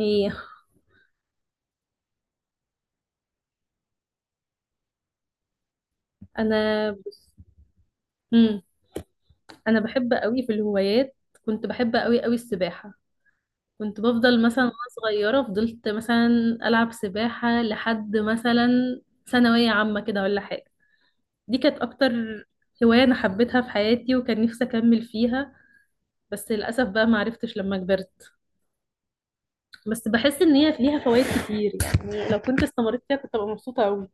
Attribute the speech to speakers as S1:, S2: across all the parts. S1: ايه. انا امم انا بحب قوي في الهوايات. كنت بحب قوي السباحة. كنت بفضل مثلا وانا صغيرة، فضلت مثلا العب سباحة لحد مثلا ثانوية عامة كده ولا حاجة. دي كانت اكتر هواية انا حبيتها في حياتي، وكان نفسي اكمل فيها، بس للاسف بقى ما عرفتش لما كبرت. بس بحس ان هي ليها فوائد كتير، يعني لو كنت استمريت فيها كنت ابقى مبسوطة قوي.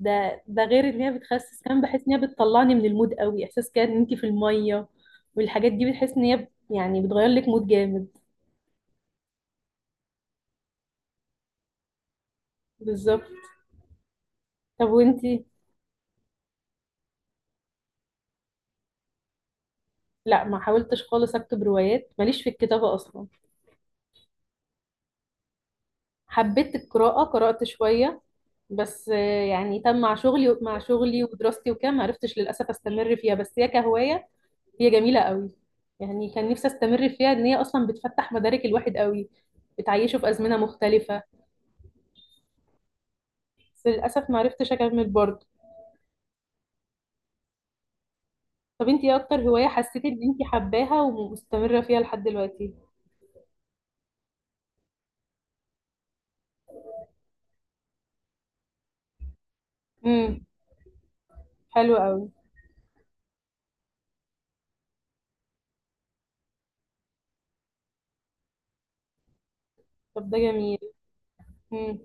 S1: ده غير ان هي بتخسس، كمان بحس ان هي بتطلعني من المود قوي، احساس كده ان انت في الميه والحاجات دي، بتحس ان هي يعني بتغير لك مود جامد. بالظبط. طب وانتي؟ لا، ما حاولتش خالص اكتب روايات، ماليش في الكتابة اصلا. حبيت القراءة، قرأت شوية، بس آه، يعني تم مع شغلي، مع شغلي ودراستي وكده ما عرفتش للاسف استمر فيها، بس هي كهواية هي جميلة قوي. يعني كان نفسي استمر فيها، ان هي اصلا بتفتح مدارك الواحد قوي، بتعيشه في ازمنة مختلفة. بس للاسف ما عرفتش اكمل برضه. طب انتي ايه اكتر هواية حسيتي ان انتي حباها ومستمرة فيها لحد دلوقتي؟ امم حلو قوي. طب ده جميل. امم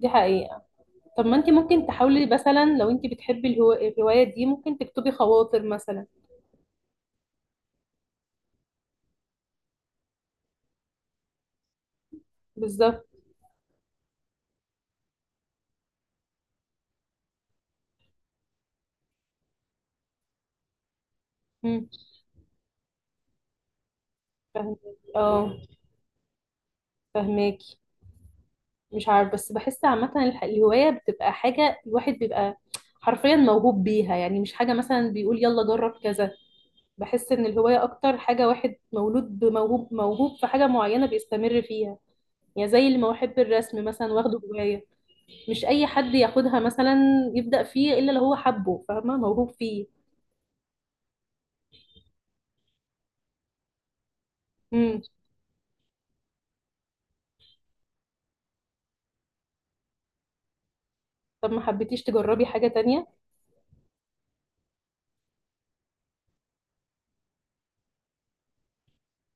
S1: دي حقيقة. طب ما انتي ممكن تحاولي مثلا، لو انتي بتحبي الهواية دي ممكن تكتبي خواطر مثلا. بالظبط. امم فهماكي. اه، فهماكي. مش عارف، بس بحس عامة الهواية بتبقى حاجة الواحد بيبقى حرفيا موهوب بيها، يعني مش حاجة مثلا بيقول يلا جرب كذا. بحس ان الهواية اكتر حاجة واحد مولود بموهوب، موهوب في حاجة معينة بيستمر فيها. يعني زي اللي ما بحب الرسم مثلا واخده جوايا، مش اي حد ياخدها مثلا يبدأ فيه الا لو هو حبه، فاهمه، موهوب فيه. امم طب ما حبيتيش تجربي حاجه تانية؟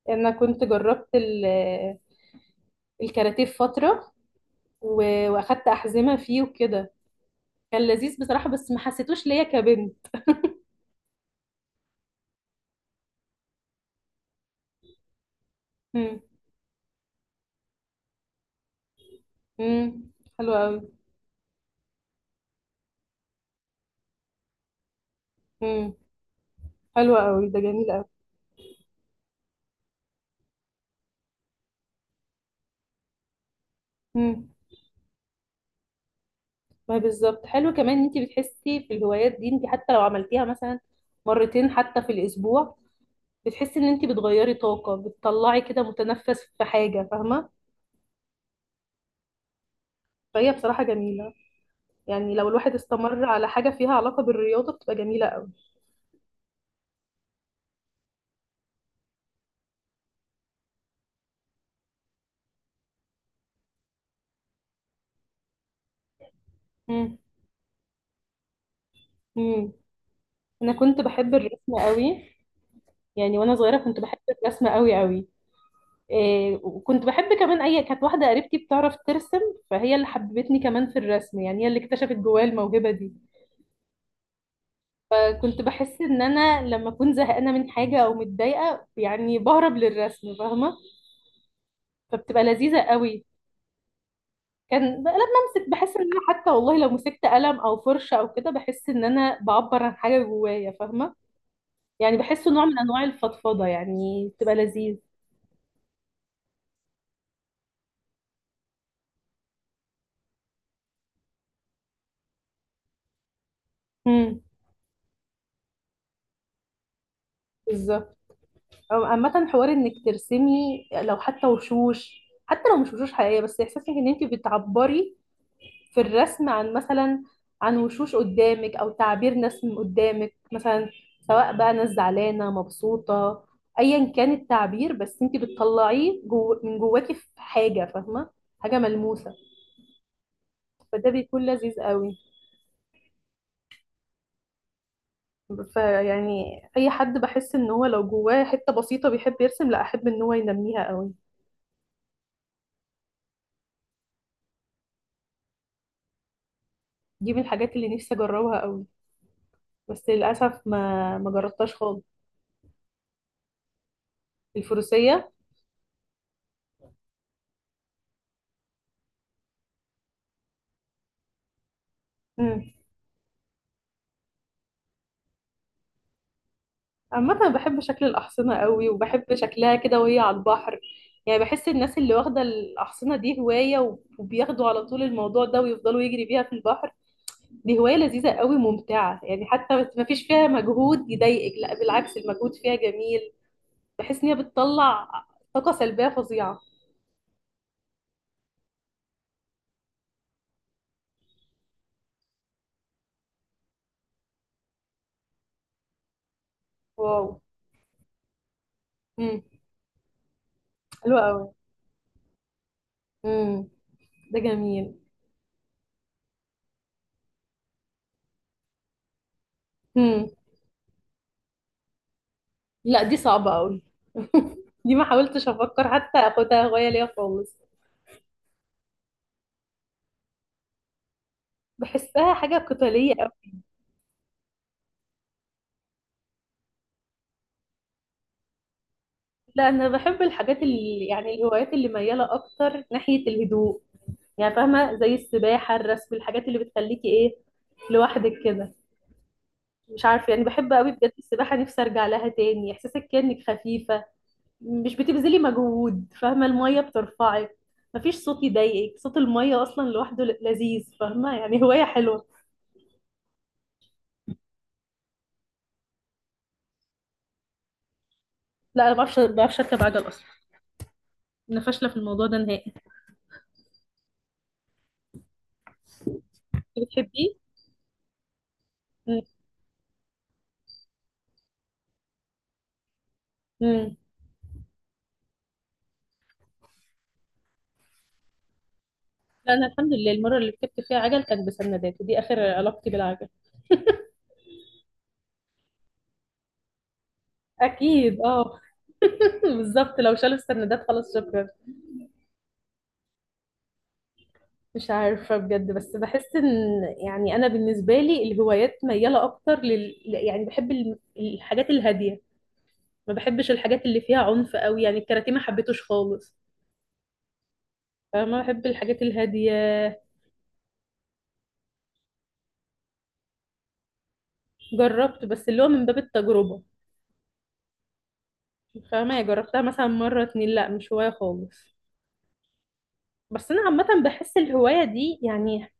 S1: انا كنت جربت الكاراتيه في فتره، واخدت احزمه فيه وكده. كان لذيذ بصراحه، بس ما حسيتوش ليا كبنت. امم امم حلو قوي. امم حلو قوي، ده جميل قوي. امم ما بالظبط، حلو كمان ان انت بتحسي في الهوايات دي، انت حتى لو عملتيها مثلا مرتين حتى في الاسبوع، بتحسي ان انت بتغيري طاقة، بتطلعي كده متنفس في حاجة، فاهمة. فهي بصراحة جميلة، يعني لو الواحد استمر على حاجة فيها علاقة بالرياضة بتبقى جميلة قوي. امم امم انا كنت بحب الرسم قوي. يعني وانا صغيرة كنت بحب الرسم قوي. إيه، وكنت بحب كمان، اي كانت واحدة قريبتي بتعرف ترسم، فهي اللي حببتني كمان في الرسم، يعني هي اللي اكتشفت جوايا الموهبة دي. فكنت بحس ان انا لما اكون زهقانة من حاجة او متضايقة يعني بهرب للرسم، فاهمة. فبتبقى لذيذة قوي. كان بقى لما امسك، بحس ان انا حتى والله لو مسكت قلم او فرشه او كده بحس ان انا بعبر عن حاجه جوايا، فاهمه. يعني بحسه نوع من انواع الفضفضه، يعني بتبقى لذيذ. امم بالظبط. عامه، حوار انك ترسمي، لو حتى وشوش، حتى لو مش وشوش حقيقيه، بس احساسك ان انت بتعبري في الرسم عن مثلا، عن وشوش قدامك او تعبير ناس من قدامك مثلا، سواء بقى ناس زعلانه مبسوطه، ايا كان التعبير، بس انت بتطلعيه جو من جواكي في حاجه، فاهمه، حاجه ملموسه. فده بيكون لذيذ قوي. فيعني اي حد بحس ان هو لو جواه حته بسيطه بيحب يرسم، لا، احب ان هو ينميها قوي. دي من الحاجات اللي نفسي اجربها قوي، بس للاسف ما جربتهاش خالص. الفروسيه. عامة أنا بحب شكل الأحصنة قوي، وبحب شكلها كده وهي على البحر. يعني بحس الناس اللي واخدة الأحصنة دي هواية وبياخدوا على طول الموضوع ده ويفضلوا يجري بيها في البحر، دي هواية لذيذة قوي، ممتعة، يعني حتى ما فيش فيها مجهود يضايقك، لا بالعكس المجهود فيها جميل. بحس إن هي بتطلع طاقة سلبية فظيعة. واو. امم حلوة قوي. امم ده جميل. امم لا دي صعبة قوي. دي ما حاولتش أفكر حتى أخدها هواية ليا خالص. بحسها حاجة قتالية. لا، انا بحب الحاجات اللي يعني الهوايات اللي مياله اكتر ناحيه الهدوء. يعني فاهمه، زي السباحه، الرسم، الحاجات اللي بتخليكي ايه، لوحدك كده. مش عارفه يعني، بحب قوي بجد السباحه، نفسي ارجع لها تاني، احساسك كانك خفيفه، مش بتبذلي مجهود، فاهمه، الميه بترفعك، مفيش صوت يضايقك، صوت الميه اصلا لوحده لذيذ، فاهمه، يعني هوايه حلوه. لا انا ما بعرفش، ما بعرفش اركب عجل اصلا، انا فاشله في الموضوع ده نهائي. بتحبيه؟ امم لا، انا الحمد لله المره اللي ركبت فيها عجل كانت بسندات، ودي اخر علاقتي بالعجل. اكيد اه. بالظبط، لو شالوا السندات خلاص شكرا. مش عارفه بجد، بس بحس ان يعني انا بالنسبه لي الهوايات مياله اكتر لل، يعني بحب الحاجات الهاديه، ما بحبش الحاجات اللي فيها عنف قوي، يعني الكاراتيه ما حبيتوش خالص. فما بحب الحاجات الهاديه. جربت بس اللي هو من باب التجربه، فاهمه، يعني جربتها مثلا مره اتنين، لا مش هوايه خالص. بس انا عامه بحس الهوايه دي يعني،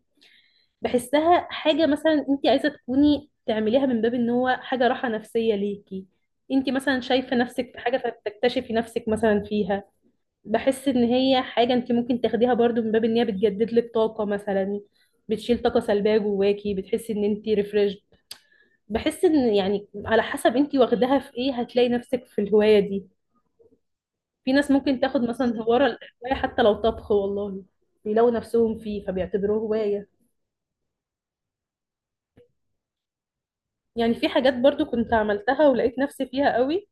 S1: بحسها حاجة مثلا انت عايزة تكوني تعمليها من باب ان هو حاجة راحة نفسية ليكي، انت مثلا شايفة نفسك في حاجة فبتكتشفي نفسك مثلا فيها. بحس ان هي حاجة انت ممكن تاخديها برضو من باب ان هي بتجدد لك طاقة مثلا، بتشيل طاقة سلبية جواكي، بتحسي ان انت ريفريش. بحس ان يعني على حسب انت واخداها في ايه هتلاقي نفسك في الهواية دي. في ناس ممكن تاخد مثلا هواية حتى لو طبخ والله، بيلاقوا نفسهم فيه فبيعتبروه هواية. يعني في حاجات برضو كنت عملتها ولقيت نفسي فيها قوي.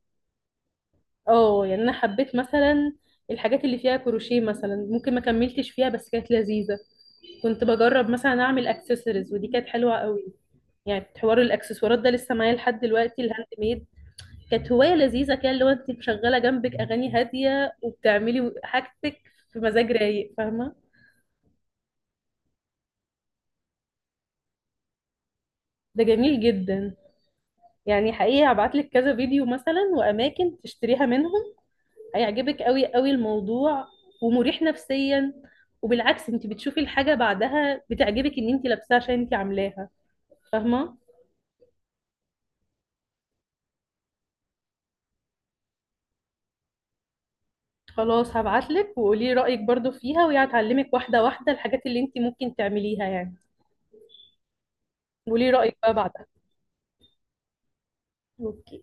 S1: اه، يعني انا حبيت مثلا الحاجات اللي فيها كروشيه مثلا، ممكن ما كملتش فيها بس كانت لذيذة. كنت بجرب مثلا اعمل اكسسوارز، ودي كانت حلوة قوي. يعني حوار الاكسسوارات ده لسه معايا لحد دلوقتي، الهاند ميد، كانت هواية لذيذة كده، اللي هو انت مشغلة جنبك اغاني هادية وبتعملي حاجتك في مزاج رايق، فاهمة. ده جميل جدا. يعني حقيقي هبعتلك كذا فيديو مثلا واماكن تشتريها منهم، هيعجبك قوي قوي الموضوع، ومريح نفسيا. وبالعكس انت بتشوفي الحاجة بعدها بتعجبك ان انت لابساها عشان انت عاملاها، فاهمة. خلاص هبعتلك، وقولي رأيك برضو فيها، وهي هتعلمك واحدة واحدة الحاجات اللي انت ممكن تعمليها يعني. قولي رأيك بقى بعدها. اوكي.